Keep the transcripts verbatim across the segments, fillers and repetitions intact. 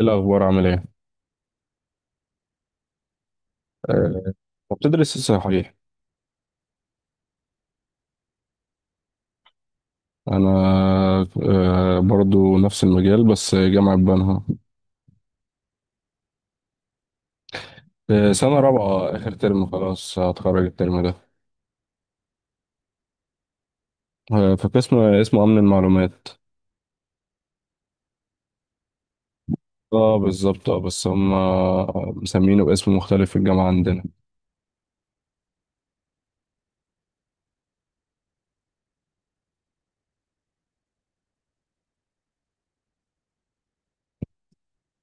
إيه الأخبار عامل إيه؟ أه. بتدرس إيه صحيح؟ أنا. أه برضو نفس المجال، بس جامعة بنها. أه، سنة رابعة، آخر ترم، خلاص هتخرج الترم ده. أه، في قسم اسمه أمن المعلومات. اه، بالظبط. اه، بس هم مسمينه باسم مختلف في الجامعة عندنا.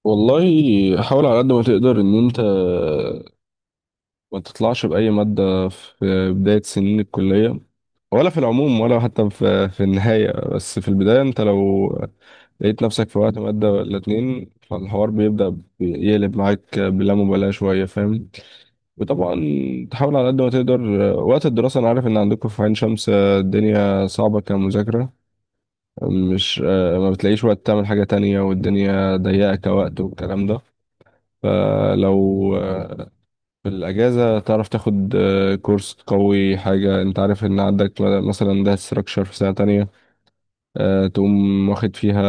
والله، حاول على قد ما تقدر إن أنت ما تطلعش بأي مادة في بداية سنين الكلية، ولا في العموم، ولا حتى في في النهاية. بس في البداية انت لو لقيت نفسك في وقت مادة ولا اتنين، فالحوار بيبدأ يقلب معاك بلا مبالاة شوية، فاهم؟ وطبعا تحاول على قد ما تقدر، آه، وقت الدراسة. أنا عارف إن عندكم في عين شمس، آه، الدنيا صعبة كمذاكرة، مش آه، ما بتلاقيش وقت تعمل حاجة تانية، والدنيا ضيقة كوقت والكلام ده. فلو آه، في الأجازة تعرف تاخد آه، كورس قوي حاجة. أنت عارف إن عندك مثلا ده ستراكشر في سنة تانية، آه، تقوم واخد فيها،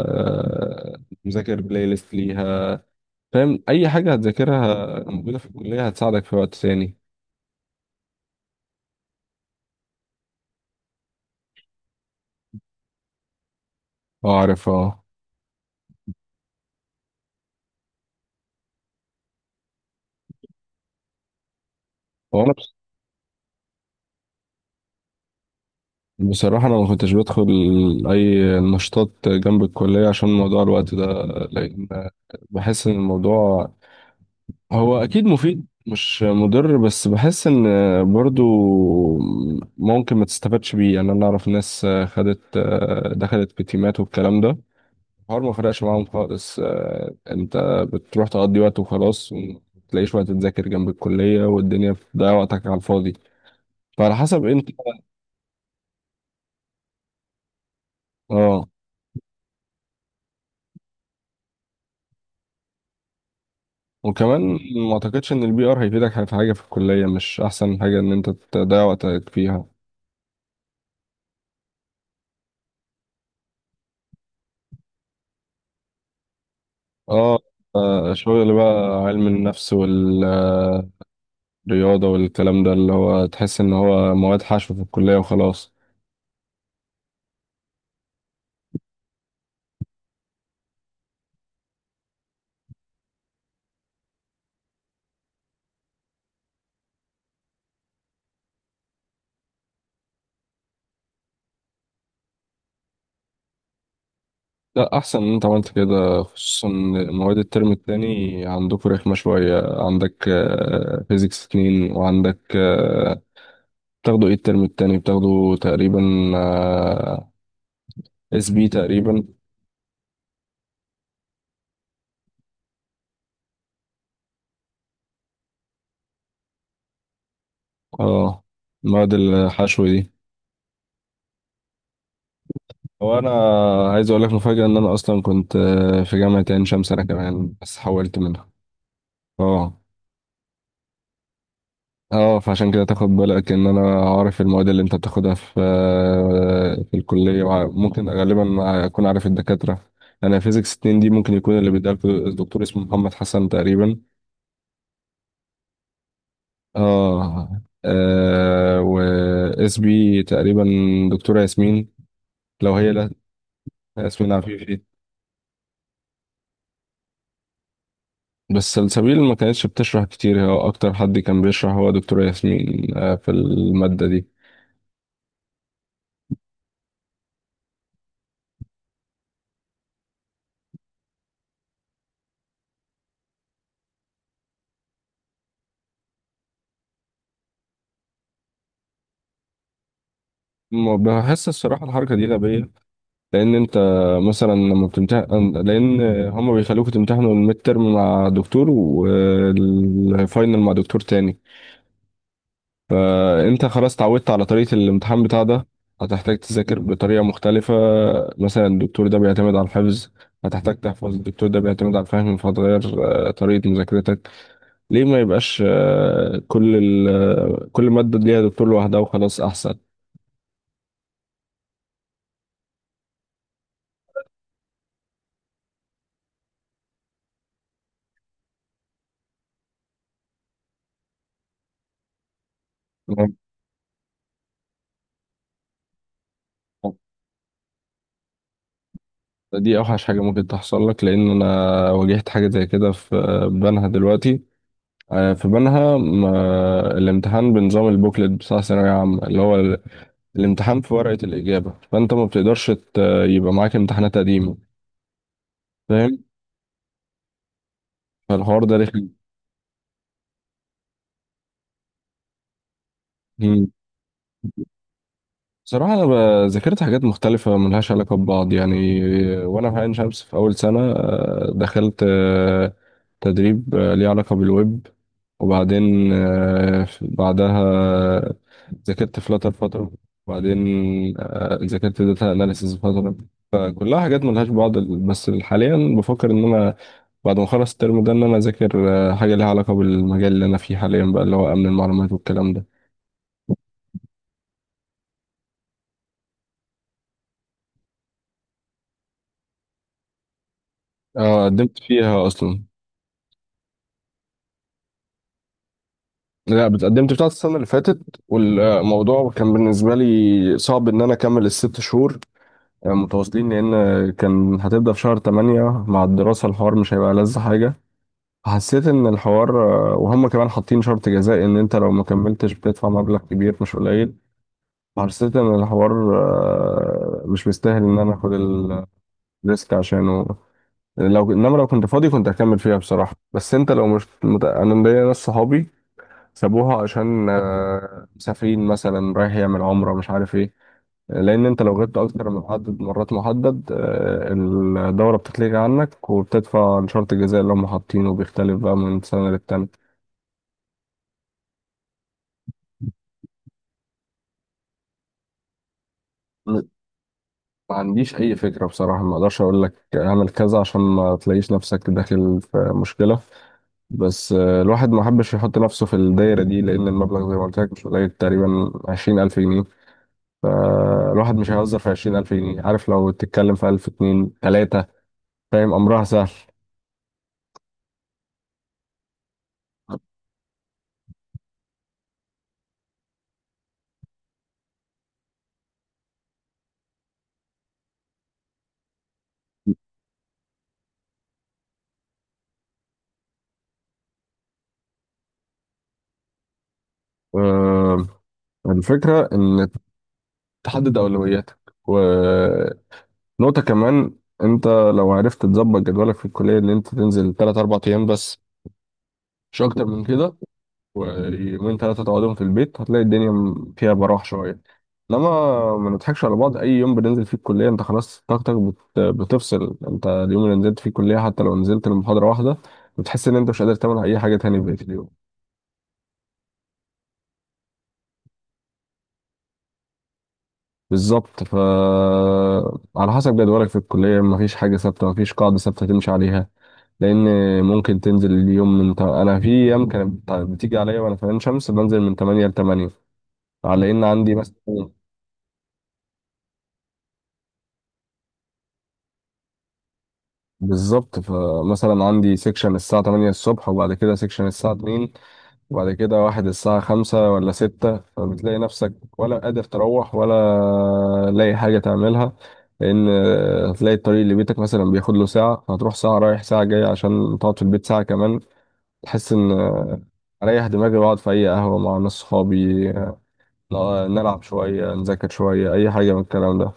آه، مذاكر بلاي ليست ليها. فاهم اي حاجه هتذاكرها موجوده في الكليه هتساعدك في وقت ثاني. اه، عارف، اه. هو انا بص- بصراحه انا ما كنتش بدخل اي نشاطات جنب الكليه عشان موضوع الوقت ده. لان بحس ان الموضوع، هو اكيد مفيد مش مضر، بس بحس ان برضو ممكن ما تستفادش بيه. يعني انا اعرف ناس خدت دخلت في تيمات والكلام ده، الحوار ما فرقش معاهم خالص. آه، انت بتروح تقضي وقت وخلاص، ومتلاقيش وقت تذاكر جنب الكلية، والدنيا بتضيع وقتك على الفاضي. فعلى حسب انت. اه، وكمان ما اعتقدش ان البي ار هيفيدك في حاجة في الكلية. مش احسن حاجة ان انت تضيع وقتك فيها. اه، آه، شغل بقى علم النفس والرياضة والكلام ده، اللي هو تحس ان هو مواد حشو في الكلية وخلاص. لا، احسن ان انت عملت كده، خصوصا مواد الترم التاني عندكم رخمه شويه. عندك فيزيكس اتنين وعندك، آه، بتاخدوا ايه الترم التاني؟ بتاخدوا تقريبا اس بي تقريبا. اه، مواد الحشو دي. هو انا عايز اقول لك مفاجاه ان انا اصلا كنت آه، في جامعه عين شمس انا كمان، بس حولت منها. اه. اه، فعشان كده تاخد بالك ان انا عارف المواد اللي انت بتاخدها في، آه، في الكليه، وع- ممكن غالبا اكون عارف الدكاتره. انا فيزيكس اتنين دي ممكن يكون اللي بيديها الدكتور اسمه محمد حسن تقريبا. اه، آه، و اس بي تقريبا دكتوره ياسمين، لو هي. لا، ياسمين عفيفي. بس سلسبيل ما كانتش بتشرح كتير، هو اكتر حد كان بيشرح هو دكتوره ياسمين آه في الماده دي. م- بحس الصراحه الحركه دي غبيه. لان انت مثلا لما بتمتحن، لان هما بيخلوكوا تمتحنوا الميد ترم مع دكتور والفاينل مع دكتور تاني. فانت خلاص اتعودت على طريقة الامتحان بتاع ده، هتحتاج تذاكر بطريقة مختلفة. مثلا الدكتور ده بيعتمد على الحفظ، هتحتاج تحفظ. الدكتور ده بيعتمد على الفهم، فهتغير آه، طريقة مذاكرتك. ليه ما يبقاش آه، كل ال... كل مادة ليها دكتور لوحدها وخلاص؟ أحسن. دي اوحش حاجه ممكن تحصل لك. لان انا واجهت حاجه زي كده في بنها دلوقتي. آه، في بنها ما- الامتحان بنظام البوكلت بتاع ثانويه عامه، اللي هو ال- الامتحان في ورقه الاجابه، فانت ما بتقدرش ت- يبقى معاك امتحانات قديمه، فاهم؟ فالحوار ده رخم. بصراحة أنا ب- ذاكرت حاجات مختلفة ملهاش علاقة ببعض يعني. وأنا في عين شمس في أول سنة آه، دخلت آه، تدريب آه، ليه علاقة بالويب. وبعدين آه، بعدها آه، ذاكرت فلاتر فترة. وبعدين آه، ذاكرت داتا أناليسيز فترة. فكلها حاجات ملهاش بعض. بس حاليا بفكر إن أنا بعد ما أخلص الترم ده إن أنا أذاكر آه، حاجة ليها علاقة بالمجال اللي أنا فيه حاليا بقى، اللي هو أمن المعلومات والكلام ده. آه، قدمت فيها أصلا. لا، اتقدمت بتاعت السنة اللي فاتت. والموضوع كان بالنسبة لي صعب إن أنا أكمل الست شهور يعني متواصلين، لأن كان هتبدأ في شهر تمانية مع الدراسة، الحوار مش هيبقى ألذ حاجة. حسيت إن الحوار، وهم كمان حاطين شرط جزائي إن أنت لو ما كملتش بتدفع مبلغ كبير مش قليل. حسيت إن الحوار آه، مش مستاهل إن أنا آخد الريسك عشانه. لو إنما لو كنت فاضي كنت هكمل فيها بصراحة. بس أنت لو مش مت... أنا ليا ناس صحابي سابوها عشان آه، مسافرين مثلا رايح يعمل عمرة مش عارف ايه. لأن أنت لو غبت أكتر من عدد مرات محدد، آه، الدورة بتتلغي عنك، وبتدفع لشرط الجزاء اللي هم حاطينه بيختلف بقى من سنة للتانية. م- ما عنديش أي فكرة بصراحة. ما أقدرش أقول لك اعمل كذا عشان ما تلاقيش نفسك داخل في مشكلة. بس آه، الواحد ما حبش يحط نفسه في الدايرة دي. لأن المبلغ زي ما قلت لك مش قليل، تقريبا عشرين ألف جنيه. فالواحد مش هيهزر في عشرين ألف جنيه، عارف لو تتكلم في ألف اتنين تلاتة فاهم أمرها سهل. آه، الفكرة إن تحدد أولوياتك، ونقطة. كمان أنت لو عرفت تظبط جدولك في الكلية إن أنت تنزل تلات أربع أيام بس، مش أكتر من كده، ويومين ثلاثة تقعدهم في البيت، هتلاقي الدنيا م- فيها براح شوية. انما ما نضحكش على بعض، اي يوم بننزل فيه الكلية انت خلاص طاقتك بت- بتفصل. انت اليوم اللي نزلت فيه الكلية حتى لو نزلت المحاضرة واحدة، بتحس ان انت مش قادر تعمل اي حاجة تاني بقية اليوم. بالظبط. ف على حسب جدولك في الكلية، مفيش حاجة ثابتة، مفيش قاعدة ثابتة تمشي عليها. لان ممكن تنزل اليوم من ت... انا في ايام كانت بت- بتيجي عليا وانا في عين شمس بنزل من تمانية ل تمانية على ان عندي مثلا. بالظبط، فمثلا عندي سيكشن الساعة تمانية الصبح، وبعد كده سيكشن الساعة اتنين، وبعد كده واحد الساعة خمسة ولا ستة. فبتلاقي نفسك ولا قادر تروح ولا لاقي حاجة تعملها. لأن هتلاقي الطريق اللي بيتك مثلا بياخد له ساعة، فهتروح ساعة رايح ساعة جاي عشان تقعد في البيت ساعة كمان. تحس إن أريح دماغي وأقعد في أي قهوة مع ناس صحابي، لا- نلعب شوية نذاكر شوية، أي حاجة من الكلام ده.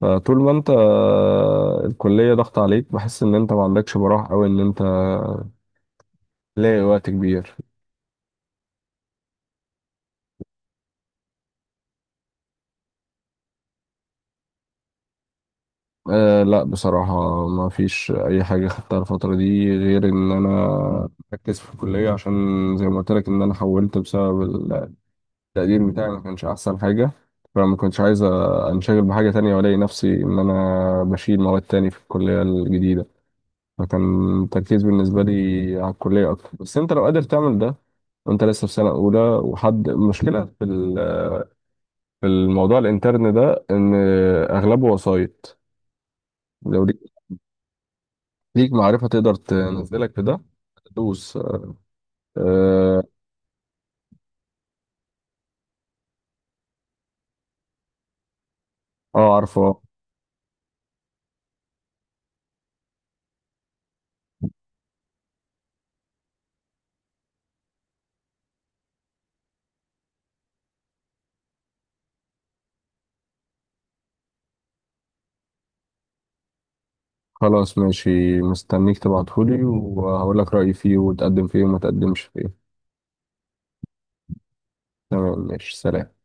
فطول ما أنت الكلية ضغط عليك، بحس إن أنت ما عندكش براح، أو إن أنت لاقي وقت كبير. أه، لا، بصراحة ما فيش أي حاجة خدتها الفترة دي، غير إن أنا مركز في الكلية عشان، زي ما قلت لك، إن أنا حولت بسبب التقدير بتاعي ما كانش أحسن حاجة. فما كنتش عايز أنشغل بحاجة تانية وألاقي نفسي إن أنا بشيل مواد تاني في الكلية الجديدة. فكان التركيز بالنسبة لي على الكلية أكتر. بس أنت لو قادر تعمل ده وأنت لسه في سنة أولى، وحد المشكلة في ال- في الموضوع الانترن ده إن أغلبه وسايط. لو ليك ليك معرفة تقدر تنزلك في ده، دوس. أه. آه، عارفه. خلاص ماشي، مستنيك تبعتهولي وهقول لك رأيي فيه وتقدم فيه وما تقدمش فيه. تمام ماشي، سلام.